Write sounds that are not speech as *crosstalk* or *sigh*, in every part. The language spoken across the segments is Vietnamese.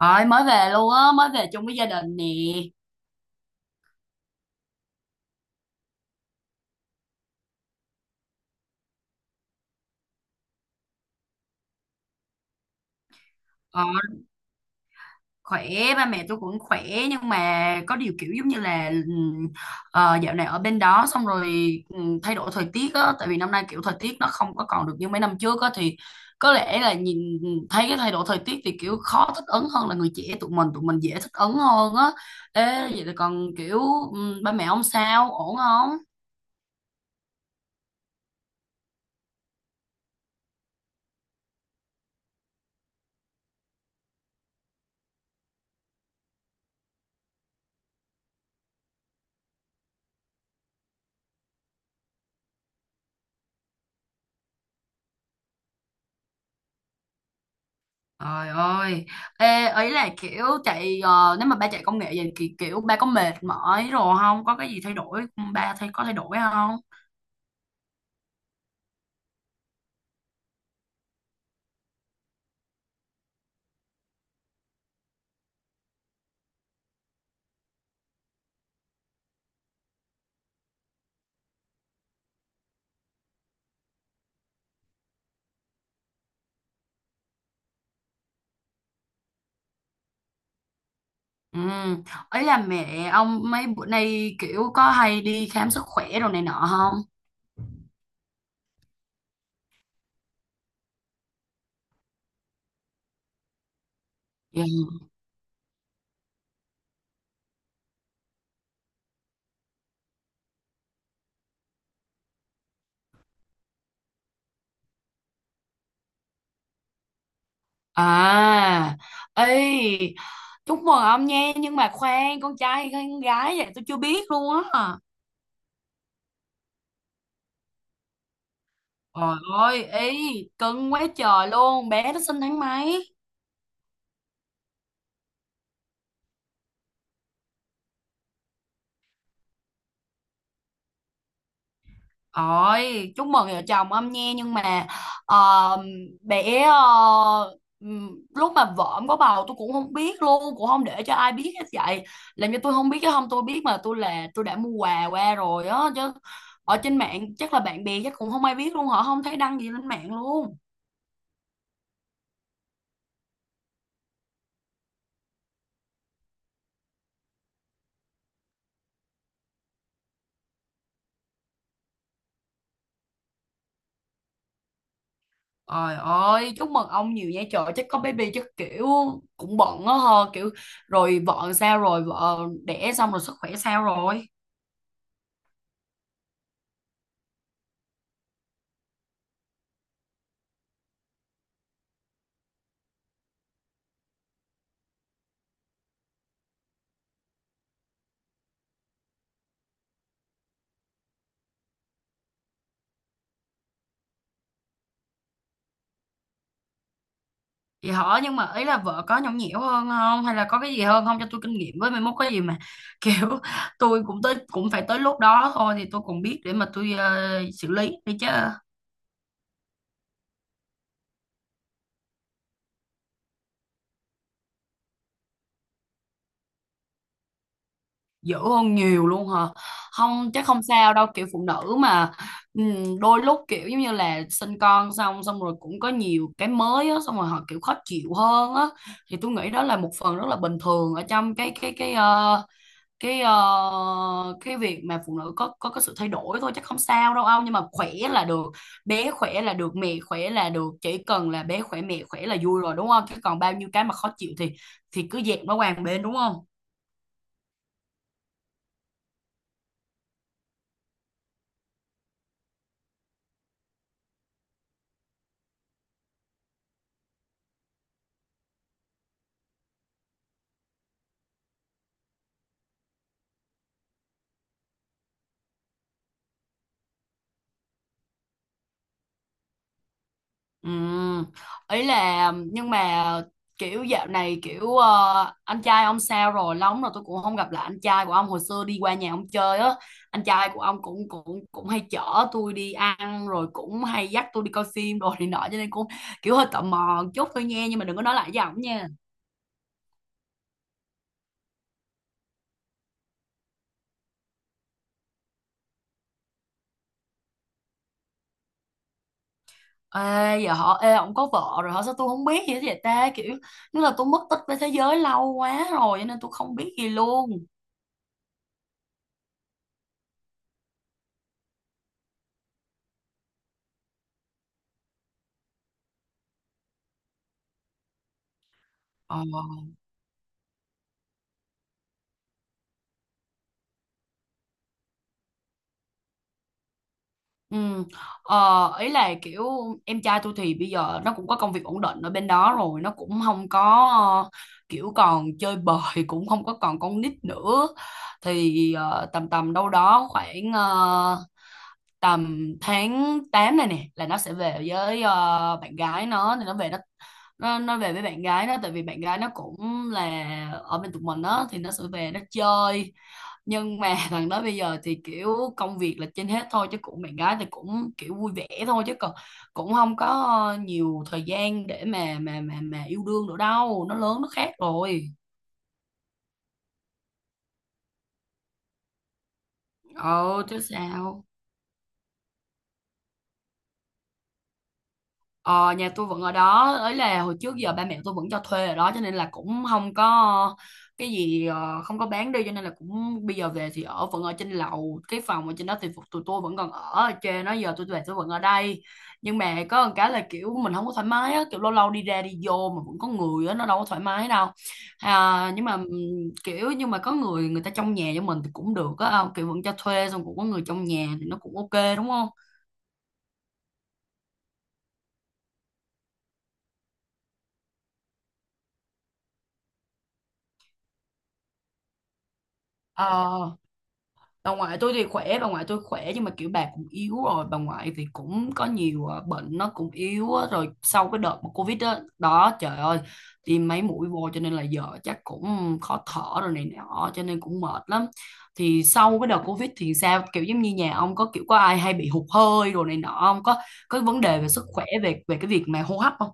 Rồi mới về luôn á, mới về chung với gia đình nè. Ờ, Khỏe, ba mẹ tôi cũng khỏe nhưng mà có điều kiểu giống như là dạo này ở bên đó xong rồi thay đổi thời tiết á, tại vì năm nay kiểu thời tiết nó không có còn được như mấy năm trước á, thì có lẽ là nhìn thấy cái thay đổi thời tiết thì kiểu khó thích ứng hơn là người trẻ tụi mình dễ thích ứng hơn á. Ê, vậy là còn kiểu ba mẹ ông sao, ổn không? Trời ơi, ê, ấy là kiểu chạy nếu mà ba chạy công nghệ vậy thì kiểu ba có mệt mỏi rồi không? Có cái gì thay đổi ba có thay đổi không? Ừ, ấy là mẹ ông mấy bữa nay kiểu có hay đi khám sức khỏe rồi này nọ không? Dạ. À, ấy, chúc mừng ông nha, nhưng mà khoan, con trai hay con gái vậy? Tôi chưa biết luôn á. Trời ơi, ý, cưng quá trời luôn, bé nó sinh tháng mấy? Ôi, chúc mừng vợ chồng ông nha, nhưng mà ờ, bé ờ, ừm, lúc mà vợ ông có bầu tôi cũng không biết luôn, cũng không để cho ai biết hết vậy. Làm cho tôi không biết, chứ không tôi biết mà, tôi là tôi đã mua quà qua rồi á chứ. Ở trên mạng chắc là bạn bè chắc cũng không ai biết luôn, họ không thấy đăng gì lên mạng luôn. Trời ơi, chúc mừng ông nhiều nha, trời, chắc có baby chắc kiểu cũng bận á hờ, kiểu rồi vợ sao rồi, vợ đẻ xong rồi sức khỏe sao rồi? Vậy hả? Nhưng mà ý là vợ có nhõng nhẽo hơn không? Hay là có cái gì hơn không, cho tôi kinh nghiệm với, mai mốt có gì mà *laughs* kiểu tôi cũng tới, cũng phải tới lúc đó thôi, thì tôi còn biết để mà tôi xử lý đi chứ. Dữ hơn nhiều luôn hả? Không, chắc không sao đâu, kiểu phụ nữ mà. Đôi lúc kiểu giống như là sinh con xong, xong rồi cũng có nhiều cái mới á, xong rồi họ kiểu khó chịu hơn á, thì tôi nghĩ đó là một phần rất là bình thường ở trong cái ờ, cái việc mà phụ nữ có sự thay đổi thôi, chắc không sao đâu ông, nhưng mà khỏe là được, bé khỏe là được, mẹ khỏe là được, chỉ cần là bé khỏe mẹ khỏe là vui rồi đúng không, chứ còn bao nhiêu cái mà khó chịu thì cứ dẹp nó qua một bên đúng không? Ừ. Ý là nhưng mà kiểu dạo này kiểu anh trai ông sao rồi, lâu lắm rồi tôi cũng không gặp lại anh trai của ông, hồi xưa đi qua nhà ông chơi á, anh trai của ông cũng cũng cũng hay chở tôi đi ăn rồi cũng hay dắt tôi đi coi phim rồi này nọ, cho nên cũng kiểu hơi tò mò một chút thôi nha, nhưng mà đừng có nói lại với ổng nha. Ê giờ họ, ê, ông có vợ rồi hả, sao tôi không biết gì hết vậy ta, kiểu như là tôi mất tích với thế giới lâu quá rồi cho nên tôi không biết gì luôn. Ờ. Ừ. Ờ, ý là kiểu em trai tôi thì bây giờ nó cũng có công việc ổn định ở bên đó rồi, nó cũng không có ờ, kiểu còn chơi bời, cũng không có còn con nít nữa, thì tầm tầm đâu đó khoảng tầm tháng 8 này nè là nó sẽ về với bạn gái nó, thì nó về với bạn gái nó, tại vì bạn gái nó cũng là ở bên tụi mình đó, thì nó sẽ về nó chơi. Nhưng mà *laughs* thằng đó bây giờ thì kiểu công việc là trên hết thôi, chứ cũng bạn gái thì cũng kiểu vui vẻ thôi, chứ còn cũng không có nhiều thời gian để mà yêu đương nữa đâu, nó lớn nó khác rồi. Ờ chứ sao. Ờ, nhà tôi vẫn ở đó, ấy là hồi trước giờ ba mẹ tôi vẫn cho thuê ở đó, cho nên là cũng không có cái gì không có bán đi, cho nên là cũng bây giờ về thì ở vẫn ở trên lầu, cái phòng ở trên đó thì tụi tôi vẫn còn ở ở trên đó, giờ tôi về tôi vẫn ở đây. Nhưng mà có một cái là kiểu mình không có thoải mái á, kiểu lâu lâu đi ra đi vô mà vẫn có người á, nó đâu có thoải mái đâu. Nhưng mà kiểu nhưng mà có người người ta trong nhà cho mình thì cũng được á, kiểu vẫn cho thuê xong cũng có người trong nhà thì nó cũng ok đúng không. Ờ, bà ngoại tôi thì khỏe, bà ngoại tôi khỏe nhưng mà kiểu bà cũng yếu rồi, bà ngoại thì cũng có nhiều bệnh, nó cũng yếu á. Rồi sau cái đợt mà covid đó, đó trời ơi, tiêm mấy mũi vô cho nên là giờ chắc cũng khó thở rồi này nọ, cho nên cũng mệt lắm. Thì sau cái đợt covid thì sao, kiểu giống như nhà ông có kiểu có ai hay bị hụt hơi rồi này nọ không, có có vấn đề về sức khỏe, về về cái việc mà hô hấp không?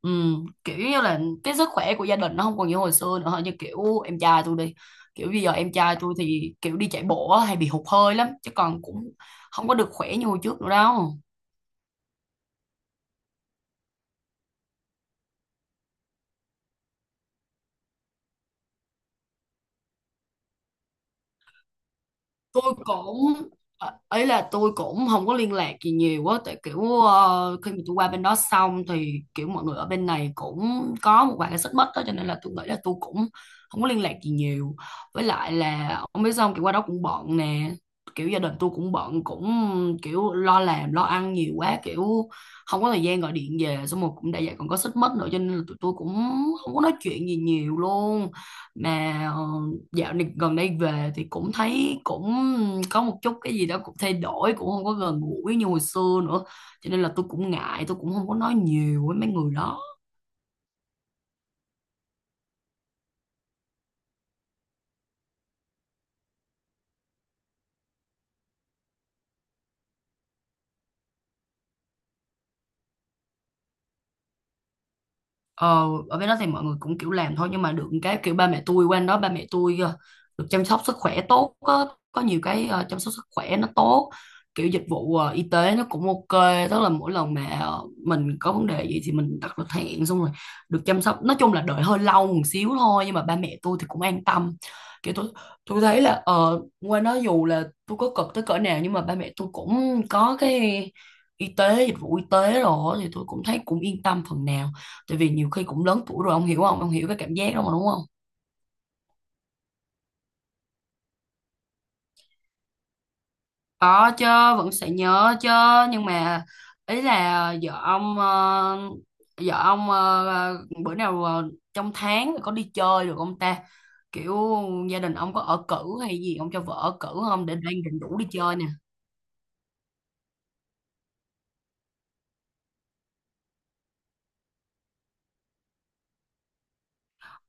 Ừ, kiểu như là cái sức khỏe của gia đình nó không còn như hồi xưa nữa, như kiểu em trai tôi đi, kiểu bây giờ em trai tôi thì kiểu đi chạy bộ á, hay bị hụt hơi lắm, chứ còn cũng không có được khỏe như hồi trước nữa đâu. tôi cũng Ấy là tôi cũng không có liên lạc gì nhiều quá, tại kiểu khi mà tôi qua bên đó xong thì kiểu mọi người ở bên này cũng có một vài cái xích mích đó, cho nên là tôi nghĩ là tôi cũng không có liên lạc gì nhiều, với lại là ông biết, xong kiểu qua đó cũng bận nè, kiểu gia đình tôi cũng bận, cũng kiểu lo làm lo ăn nhiều quá, kiểu không có thời gian gọi điện về, xong rồi cũng đã vậy còn có xích mích nữa, cho nên là tụi tôi cũng không có nói chuyện gì nhiều luôn. Mà dạo này gần đây về thì cũng thấy cũng có một chút cái gì đó cũng thay đổi, cũng không có gần gũi như hồi xưa nữa, cho nên là tôi cũng ngại, tôi cũng không có nói nhiều với mấy người đó. Ờ, ở bên đó thì mọi người cũng kiểu làm thôi, nhưng mà được cái kiểu ba mẹ tôi qua đó, ba mẹ tôi được chăm sóc sức khỏe tốt, có nhiều cái chăm sóc sức khỏe nó tốt, kiểu dịch vụ y tế nó cũng ok, tức là mỗi lần mà mình có vấn đề gì thì mình đặt lịch hẹn xong rồi được chăm sóc, nói chung là đợi hơi lâu một xíu thôi, nhưng mà ba mẹ tôi thì cũng an tâm. Kiểu tôi tôi thấy là qua đó dù là tôi có cực tới cỡ nào nhưng mà ba mẹ tôi cũng có cái y tế, dịch vụ y tế rồi, thì tôi cũng thấy cũng yên tâm phần nào, tại vì nhiều khi cũng lớn tuổi rồi ông hiểu không, ông hiểu cái cảm giác đó mà đúng không. Có chứ, vẫn sẽ nhớ chứ. Nhưng mà ý là vợ ông bữa nào trong tháng có đi chơi được không ta, kiểu gia đình ông có ở cữ hay gì, ông cho vợ ở cữ không, để đang định rủ đi chơi nè.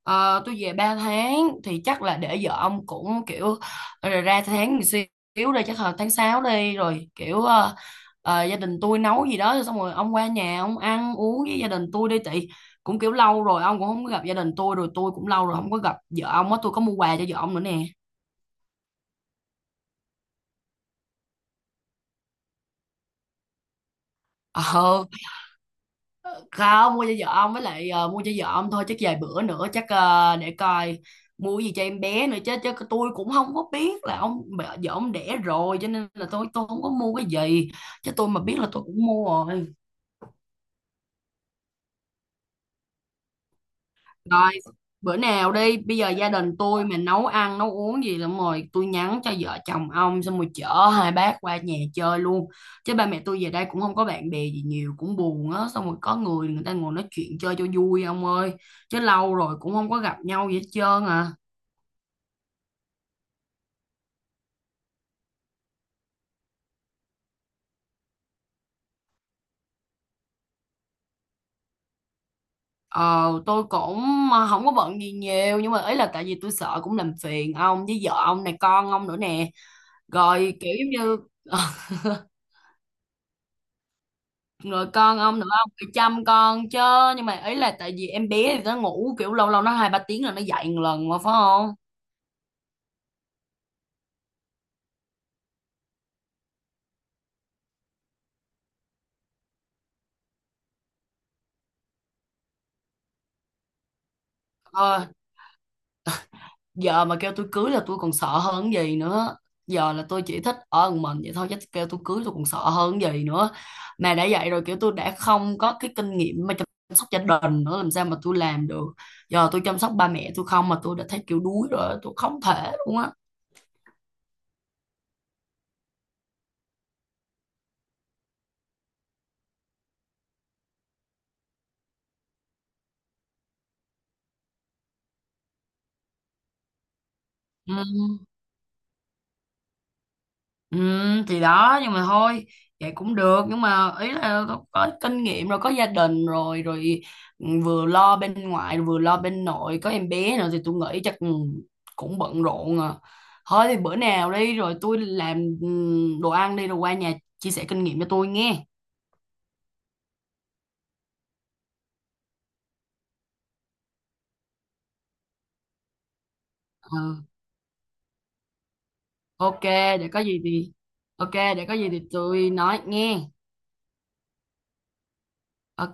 Ờ, tôi về 3 tháng thì chắc là để vợ ông cũng kiểu rồi ra tháng một xíu đây chắc là tháng 6 đi, rồi kiểu gia đình tôi nấu gì đó xong rồi ông qua nhà, ông ăn uống với gia đình tôi đi, tại cũng kiểu lâu rồi ông cũng không có gặp gia đình tôi, rồi tôi cũng lâu rồi không có gặp vợ ông á, tôi có mua quà cho vợ ông nữa nè. Ờ, không, mua cho vợ ông với lại mua cho vợ ông thôi, chắc vài bữa nữa chắc để coi mua gì cho em bé nữa chứ, chứ tôi cũng không có biết là vợ ông đẻ rồi, cho nên là tôi không có mua cái gì, chứ tôi mà biết là tôi cũng mua rồi. Rồi, bữa nào đi, bây giờ gia đình tôi mà nấu ăn, nấu uống gì lắm rồi, tôi nhắn cho vợ chồng ông xong rồi chở hai bác qua nhà chơi luôn. Chứ ba mẹ tôi về đây cũng không có bạn bè gì nhiều, cũng buồn á, xong rồi có người người ta ngồi nói chuyện chơi cho vui ông ơi. Chứ lâu rồi cũng không có gặp nhau gì hết trơn à. Ờ, tôi cũng không có bận gì nhiều, nhưng mà ý là tại vì tôi sợ cũng làm phiền ông với vợ ông này, con ông nữa nè. Rồi kiểu giống như rồi con ông nữa, không phải chăm con chứ. Nhưng mà ấy là tại vì em bé thì nó ngủ kiểu lâu lâu nó hai ba tiếng là nó dậy một lần mà phải không. ờ, Giờ mà kêu tôi cưới là tôi còn sợ hơn cái gì nữa, giờ là tôi chỉ thích ở một mình vậy thôi, chứ kêu tôi cưới tôi còn sợ hơn cái gì nữa, mà đã vậy rồi kiểu tôi đã không có cái kinh nghiệm mà chăm sóc gia đình nữa, làm sao mà tôi làm được, giờ tôi chăm sóc ba mẹ tôi không mà tôi đã thấy kiểu đuối rồi, tôi không thể luôn á. Ừ. Ừ, thì đó, nhưng mà thôi vậy cũng được, nhưng mà ý là có kinh nghiệm rồi, có gia đình rồi rồi ừ, vừa lo bên ngoại vừa lo bên nội, có em bé nữa, thì tôi nghĩ chắc ừ, cũng bận rộn à. Thôi thì bữa nào đi rồi tôi làm ừ, đồ ăn đi rồi qua nhà chia sẻ kinh nghiệm cho tôi nghe. Ừ, ok, để có gì thì tôi nói nghe. Ok.